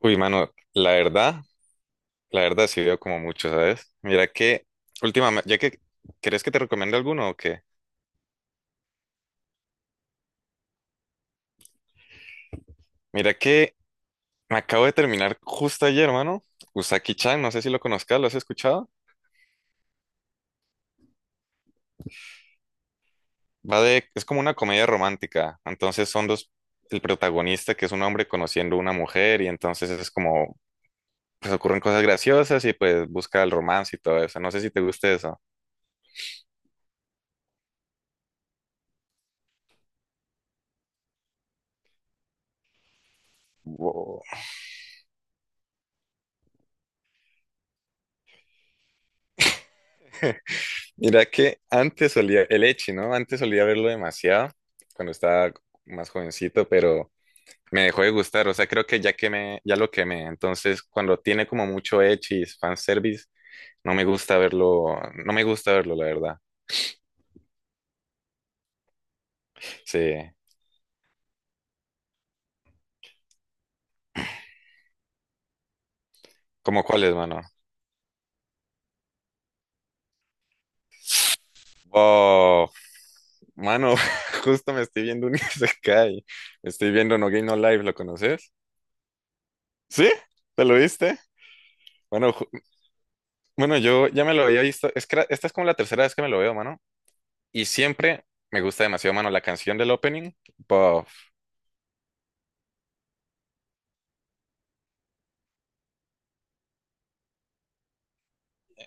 Uy, mano, la verdad sí veo como mucho, ¿sabes? Mira que, últimamente, ya que, ¿querés que te recomiende alguno o qué? Mira que me acabo de terminar justo ayer, mano, Usaki-chan, no sé si lo conozcas, ¿lo has escuchado? Va de, es como una comedia romántica, entonces son dos, el protagonista que es un hombre conociendo a una mujer y entonces es como, pues ocurren cosas graciosas y pues busca el romance y todo eso, no sé si te gusta eso. Mira que antes solía, el Echi, ¿no? Antes solía verlo demasiado cuando estaba más jovencito, pero me dejó de gustar. O sea, creo que ya quemé, ya lo quemé. Entonces, cuando tiene como mucho Echi, fanservice, no me gusta verlo, la verdad. Sí. ¿Cómo cuáles, mano? Oh, mano, justo me estoy viendo un Isekai. Estoy viendo No Game No Life, ¿lo conoces? ¿Sí? ¿Te lo viste? Bueno, bueno, yo ya me lo había visto. Es que esta es como la tercera vez que me lo veo, mano. Y siempre me gusta demasiado, mano, la canción del opening. Bof.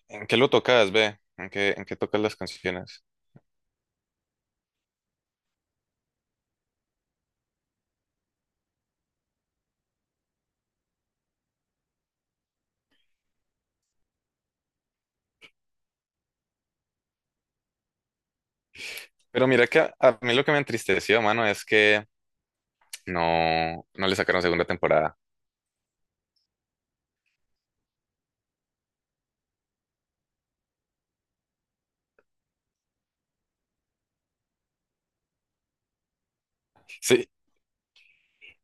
¿En qué lo tocas, ve? ¿En qué tocas las canciones? Pero mira que a mí lo que me entristeció, mano, es que no le sacaron segunda temporada. Sí,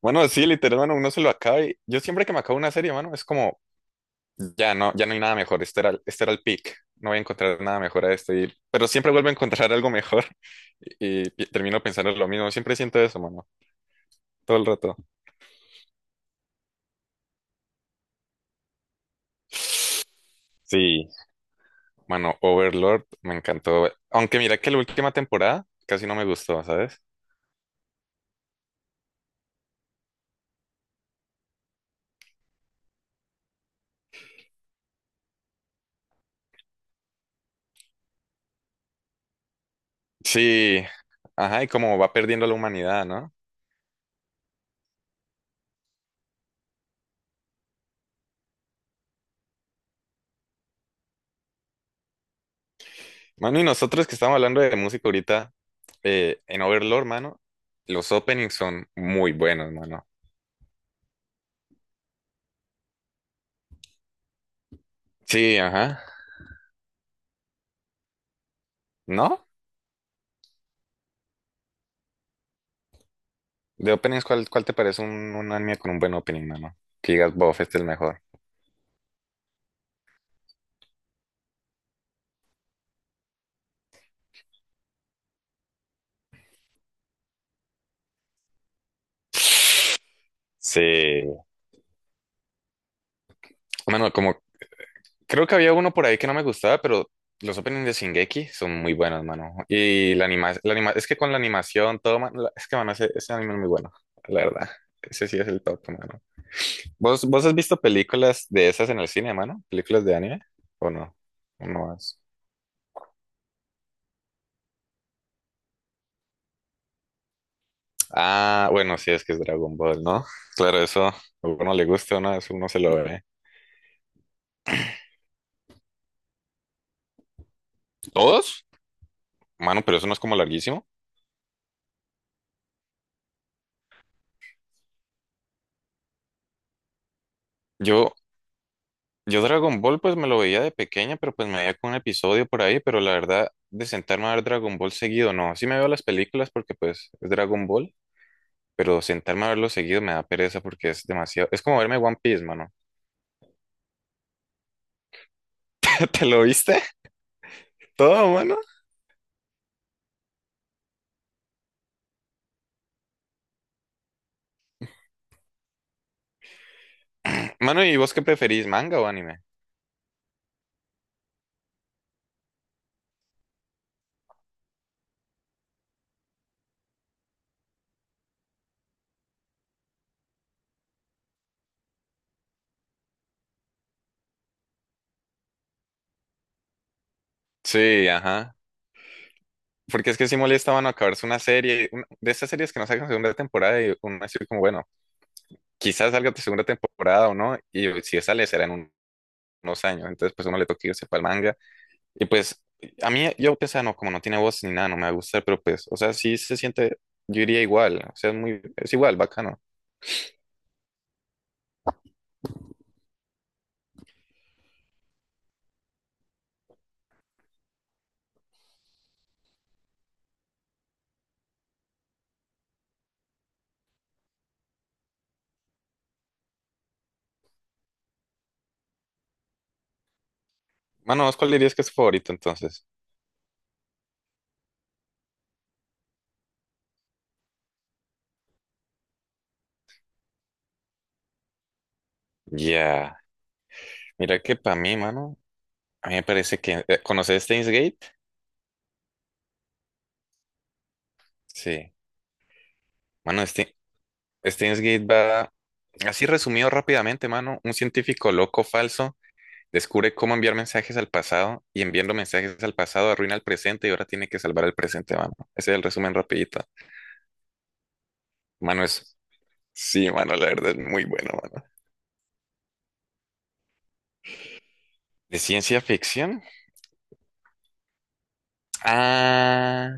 bueno, sí, literal, mano, uno se lo acaba y yo siempre que me acabo una serie, mano, es como, ya no, ya no hay nada mejor, este era, este era el peak, no voy a encontrar nada mejor a esto, pero siempre vuelvo a encontrar algo mejor y termino pensando lo mismo, siempre siento eso, mano, todo el rato. Sí. Mano, Overlord me encantó. Aunque mira que la última temporada casi no me gustó, ¿sabes? Sí, ajá, y como va perdiendo la humanidad, ¿no? Mano, y nosotros que estamos hablando de música ahorita, en Overlord, mano, los openings son muy buenos, mano. Sí, ajá. ¿No? De openings, ¿cuál te parece un anime con un buen opening, mano? Que digas, bof, este es el mejor. Sí. Mano, como creo que había uno por ahí que no me gustaba, pero los openings de Shingeki son muy buenos, mano. Y es que con la animación, todo, es que, mano, ese anime es muy bueno, la verdad. Ese sí es el top, mano. ¿Vos has visto películas de esas en el cine, mano? ¿Películas de anime? ¿O no? ¿O no has? Ah, bueno, sí, es que es Dragon Ball, ¿no? Claro, eso a uno le gusta, ¿no? Eso uno se lo ve. ¿Todos? Mano, pero eso no es como larguísimo. Yo, Yo Dragon Ball pues me lo veía de pequeña, pero pues me veía con un episodio por ahí, pero la verdad de sentarme a ver Dragon Ball seguido, no, sí me veo las películas porque pues es Dragon Ball, pero sentarme a verlo seguido me da pereza porque es demasiado, es como verme One Piece, mano. ¿Te lo viste? Todo, mano. Mano, ¿y vos qué preferís, manga o anime? Sí, ajá. Porque es que sí molesta, mano, acabarse una serie, de estas series que no sacan segunda temporada y uno así como, bueno, quizás salga tu segunda temporada o no, y si sale será en unos años, entonces pues uno le toca irse para el manga. Y pues, a mí, yo que sea, no, como no tiene voz ni nada, no me va a gustar, pero pues, o sea, sí se siente, yo diría igual, o sea, es muy, es igual, bacano. Mano, ¿vos cuál dirías que es tu favorito entonces? Ya, mira que para mí, mano, a mí me parece que, ¿conoces Steins Gate? Sí. Mano, este Steins Gate va, así resumido rápidamente, mano, un científico loco falso descubre cómo enviar mensajes al pasado y enviando mensajes al pasado arruina el presente y ahora tiene que salvar el presente, mano. Ese es el resumen rapidito. Mano, es sí, mano, la verdad es muy bueno, mano. ¿De ciencia ficción? Ah,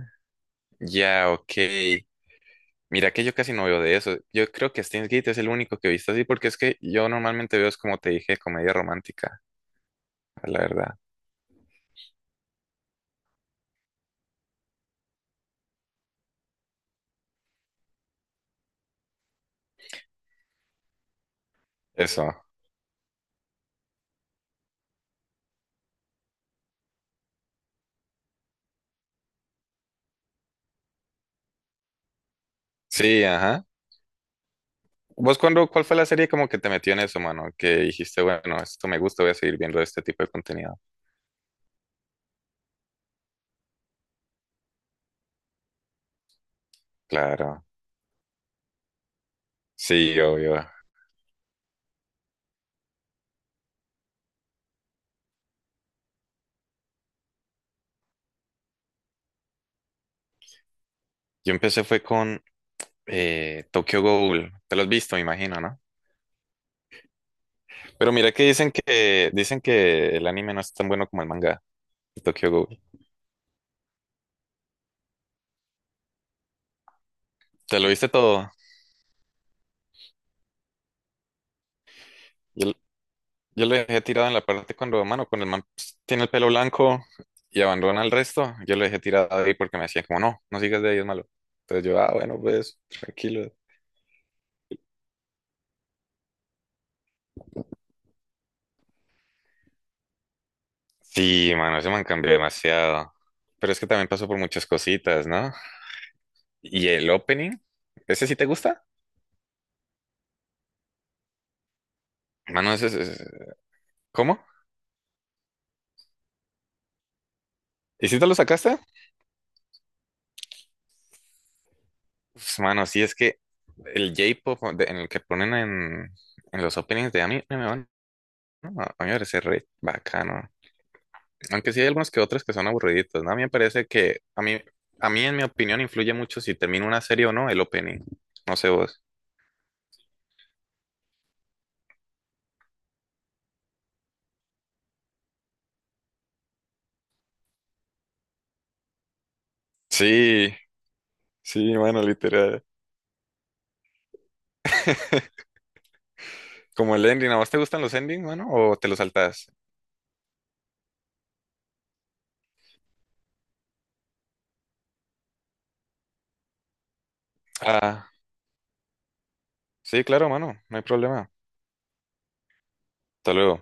ya, ok. Mira que yo casi no veo de eso. Yo creo que Steins Gate es el único que he visto así, porque es que yo normalmente veo, es como te dije, comedia romántica, la verdad. Eso. Sí, ajá. ¿Vos cuándo, cuál fue la serie como que te metió en eso, mano? Que dijiste, bueno, esto me gusta, voy a seguir viendo este tipo de contenido. Claro. Sí, obvio. Yo empecé fue con Tokyo Ghoul. Te lo has visto, me imagino, ¿no? Pero mira que dicen que el anime no es tan bueno como el manga de Tokyo Ghoul. ¿Te lo viste todo? Yo, yo lo dejé tirado en la parte cuando, mano, cuando el man pues, tiene el pelo blanco y abandona el resto, yo lo dejé tirado ahí porque me decían como, no, no sigas de ahí, es malo. Entonces yo, ah, bueno, pues, tranquilo. Sí, mano, ese man cambió demasiado. Pero es que también pasó por muchas cositas, ¿no? ¿Y el opening? ¿Ese sí te gusta? Mano, ese es... ¿Cómo? ¿Y si te lo sacaste? Pues, mano, sí es que el J-pop en el que ponen en los openings de anime, mano, a mí me parece re bacano. Aunque sí hay algunos que otros que son aburriditos, ¿no? A mí me parece que, a mí en mi opinión, influye mucho si termina una serie o no el opening. No sé vos. Sí, sí, mano, literal. Como el ending, ¿a vos te gustan los endings, mano? ¿O te los saltás? Ah, sí, claro, mano, no hay problema. Hasta luego.